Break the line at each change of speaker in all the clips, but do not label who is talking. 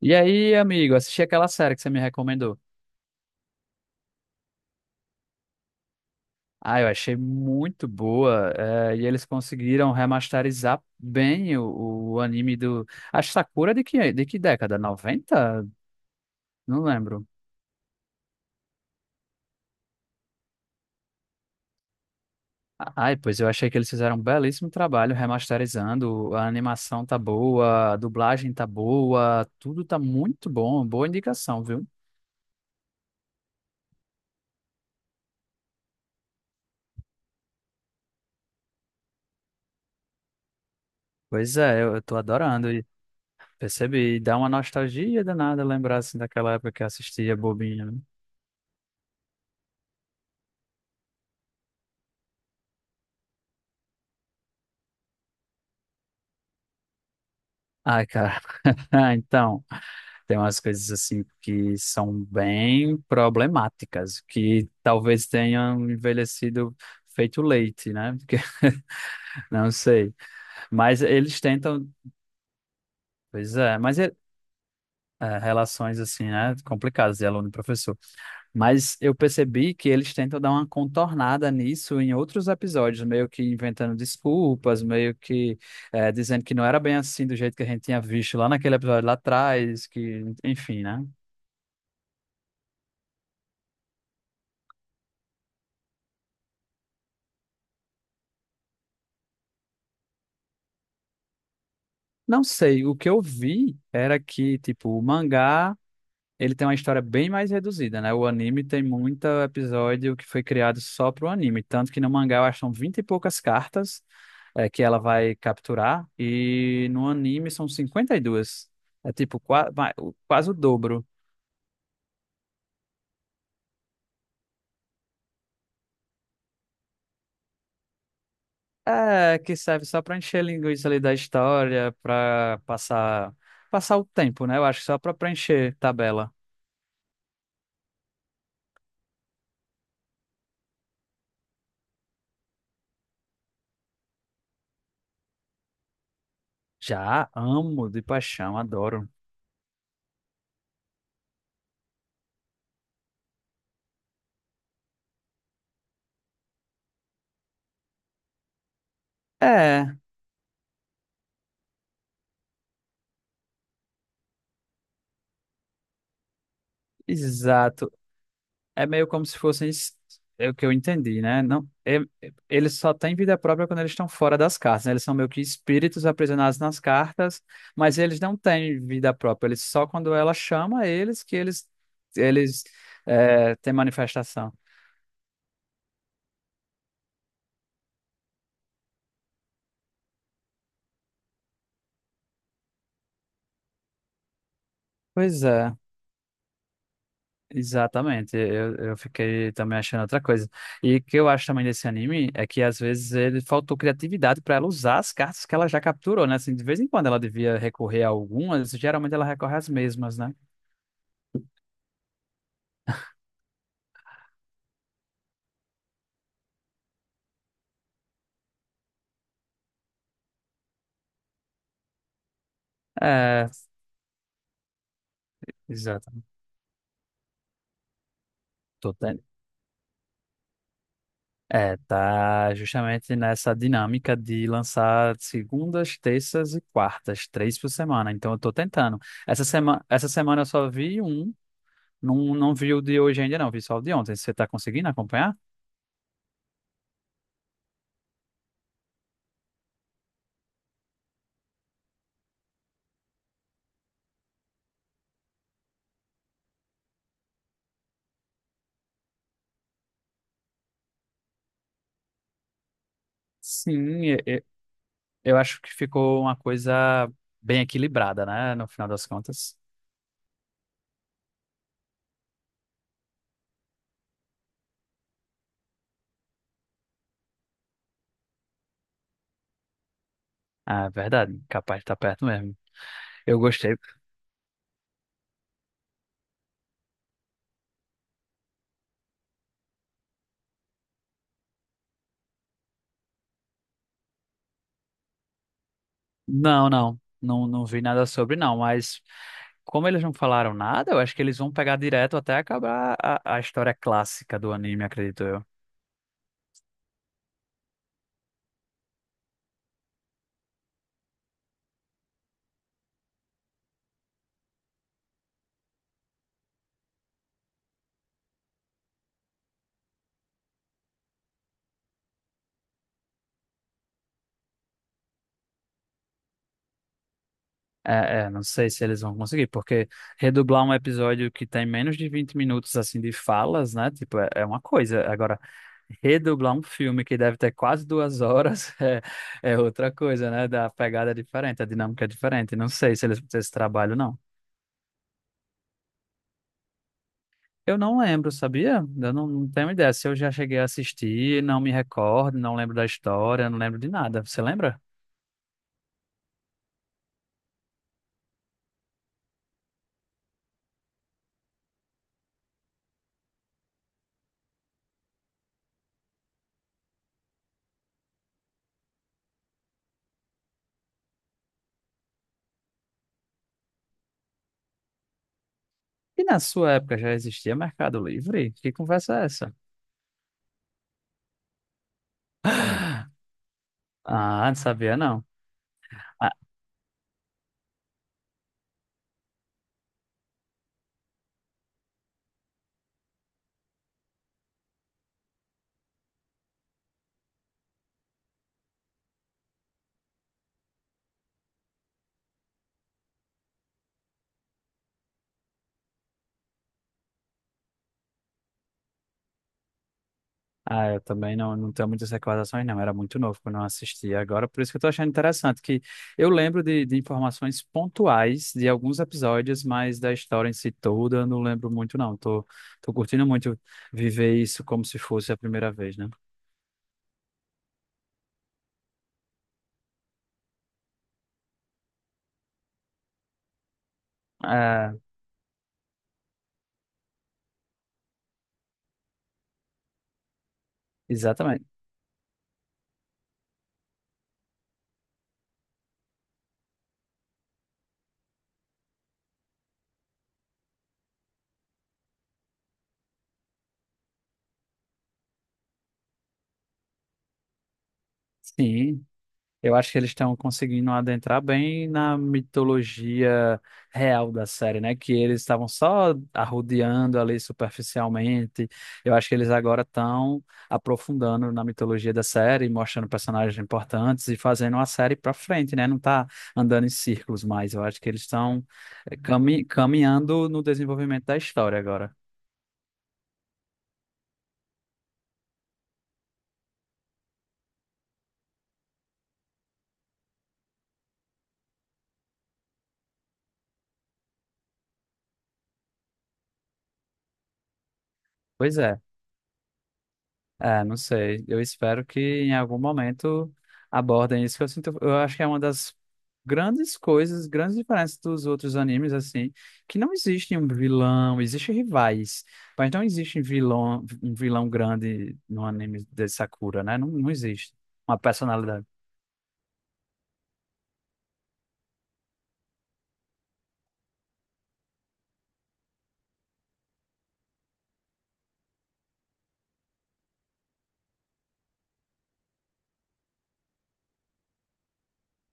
E aí, amigo, assisti aquela série que você me recomendou. Ah, eu achei muito boa. E eles conseguiram remasterizar bem o anime do. A Sakura de de que década? 90? Não lembro. Ai, pois eu achei que eles fizeram um belíssimo trabalho remasterizando. A animação tá boa, a dublagem tá boa, tudo tá muito bom. Boa indicação, viu? Pois é, eu tô adorando. E percebi, dá uma nostalgia danada lembrar assim daquela época que eu assistia bobinha, né? Ai, cara. Ah, então, tem umas coisas assim que são bem problemáticas, que talvez tenham envelhecido feito leite, né? Porque, não sei. Mas eles tentam, pois é, mas é, é, relações assim, né? Complicadas de aluno e professor. Mas eu percebi que eles tentam dar uma contornada nisso em outros episódios, meio que inventando desculpas, meio que é, dizendo que não era bem assim do jeito que a gente tinha visto lá naquele episódio lá atrás, que, enfim, né? Não sei, o que eu vi era que, tipo, o mangá, ele tem uma história bem mais reduzida, né? O anime tem muito episódio que foi criado só pro anime, tanto que no mangá eu acho que são 20 e poucas cartas que ela vai capturar, e no anime são 52. É tipo quase o dobro. É, que serve só pra encher a linguiça ali da história, pra passar, passar o tempo, né? Eu acho que só pra preencher tabela. Já amo de paixão, adoro. É. Exato. É meio como se fossem, é o que eu entendi, né? Não, eles só têm vida própria quando eles estão fora das cartas, né? Eles são meio que espíritos aprisionados nas cartas, mas eles não têm vida própria. Eles só quando ela chama eles que eles é, têm manifestação. Pois é. Exatamente, eu fiquei também achando outra coisa. E o que eu acho também desse anime é que às vezes ele faltou criatividade para ela usar as cartas que ela já capturou, né? Assim, de vez em quando ela devia recorrer a algumas, geralmente ela recorre às mesmas, né? É, exatamente. Tô ten- É, tá justamente nessa dinâmica de lançar segundas, terças e quartas, três por semana. Então eu tô tentando. Essa semana eu só vi um, não, não vi o de hoje ainda não, vi só o de ontem. Você tá conseguindo acompanhar? Sim, eu acho que ficou uma coisa bem equilibrada, né? No final das contas. Ah, é verdade. Capaz de estar perto mesmo. Eu gostei. Não, não. Não, não vi nada sobre, não. Mas como eles não falaram nada, eu acho que eles vão pegar direto até acabar a história clássica do anime, acredito eu. É, é, não sei se eles vão conseguir, porque redublar um episódio que tem menos de 20 minutos assim de falas, né? Tipo, é, é uma coisa. Agora, redublar um filme que deve ter quase duas horas é, é outra coisa, né? Da pegada é diferente, a dinâmica é diferente. Não sei se eles vão ter esse trabalho, não. Eu não lembro, sabia? Eu não, não tenho ideia. Se eu já cheguei a assistir, não me recordo, não lembro da história, não lembro de nada. Você lembra? E na sua época já existia Mercado Livre? Que conversa é essa? Ah, não sabia não. Ah, ah, eu também não, não tenho muitas recordações, não. Era muito novo quando eu assisti. Agora, por isso que eu tô achando interessante, que eu lembro de informações pontuais de alguns episódios, mas da história em si toda eu não lembro muito, não. Tô, tô curtindo muito viver isso como se fosse a primeira vez, né? Ah, exatamente. Sim. Eu acho que eles estão conseguindo adentrar bem na mitologia real da série, né? Que eles estavam só arrodeando ali superficialmente. Eu acho que eles agora estão aprofundando na mitologia da série, mostrando personagens importantes e fazendo a série para frente, né? Não tá andando em círculos mais. Eu acho que eles estão caminhando no desenvolvimento da história agora. Pois é. É, não sei. Eu espero que em algum momento abordem isso, que eu sinto, eu acho que é uma das grandes coisas, grandes diferenças dos outros animes, assim, que não existe um vilão, existe rivais, mas não existe um vilão grande no anime de Sakura, né? Não, não existe uma personalidade.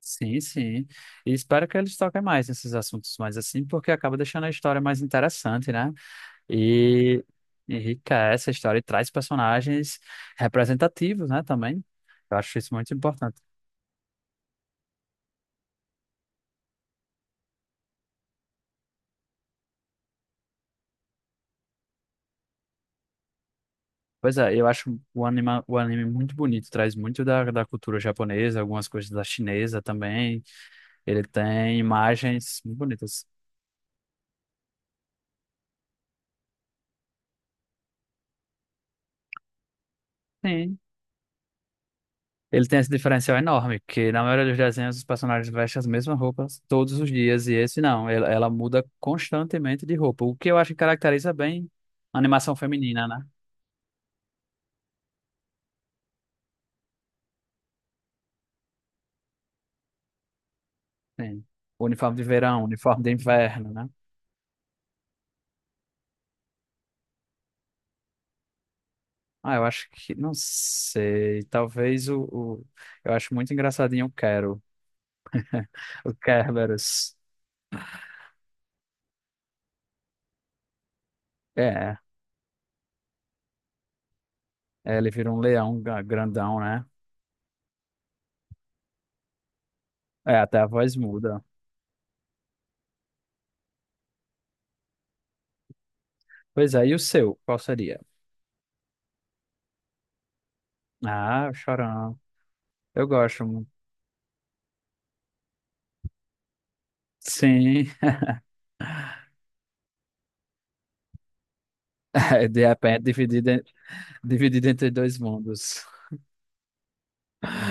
Sim, sim. E espero que eles toquem mais nesses assuntos mais assim, porque acaba deixando a história mais interessante, né? E enriquece a história e traz personagens representativos, né, também. Eu acho isso muito importante. Pois é, eu acho o anime muito bonito, traz muito da cultura japonesa, algumas coisas da chinesa também. Ele tem imagens muito bonitas. Sim. Ele tem esse diferencial enorme, que na maioria dos desenhos os personagens vestem as mesmas roupas todos os dias, e esse não, ela muda constantemente de roupa, o que eu acho que caracteriza bem a animação feminina, né? Sim. Uniforme de verão, uniforme de inverno, né? Ah, eu acho que, não sei, talvez eu acho muito engraçadinho o Quero, o Kerberos. É, é, ele vira um leão grandão, né? É, até a voz muda. Pois é, e o seu, qual seria? Ah, o Chorão. Eu gosto. Sim, é, de repente dividido entre dois mundos.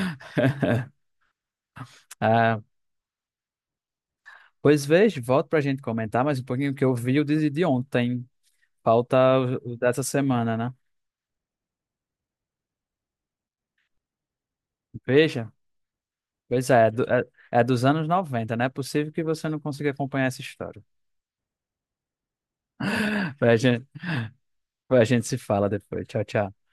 Ah, pois veja, volto pra gente comentar mais um pouquinho, que eu vi o de ontem. Falta o dessa semana, né? Veja, pois é, é, é dos anos 90, né? É possível que você não consiga acompanhar essa história. Pois a gente, pois a gente se fala depois. Tchau, tchau.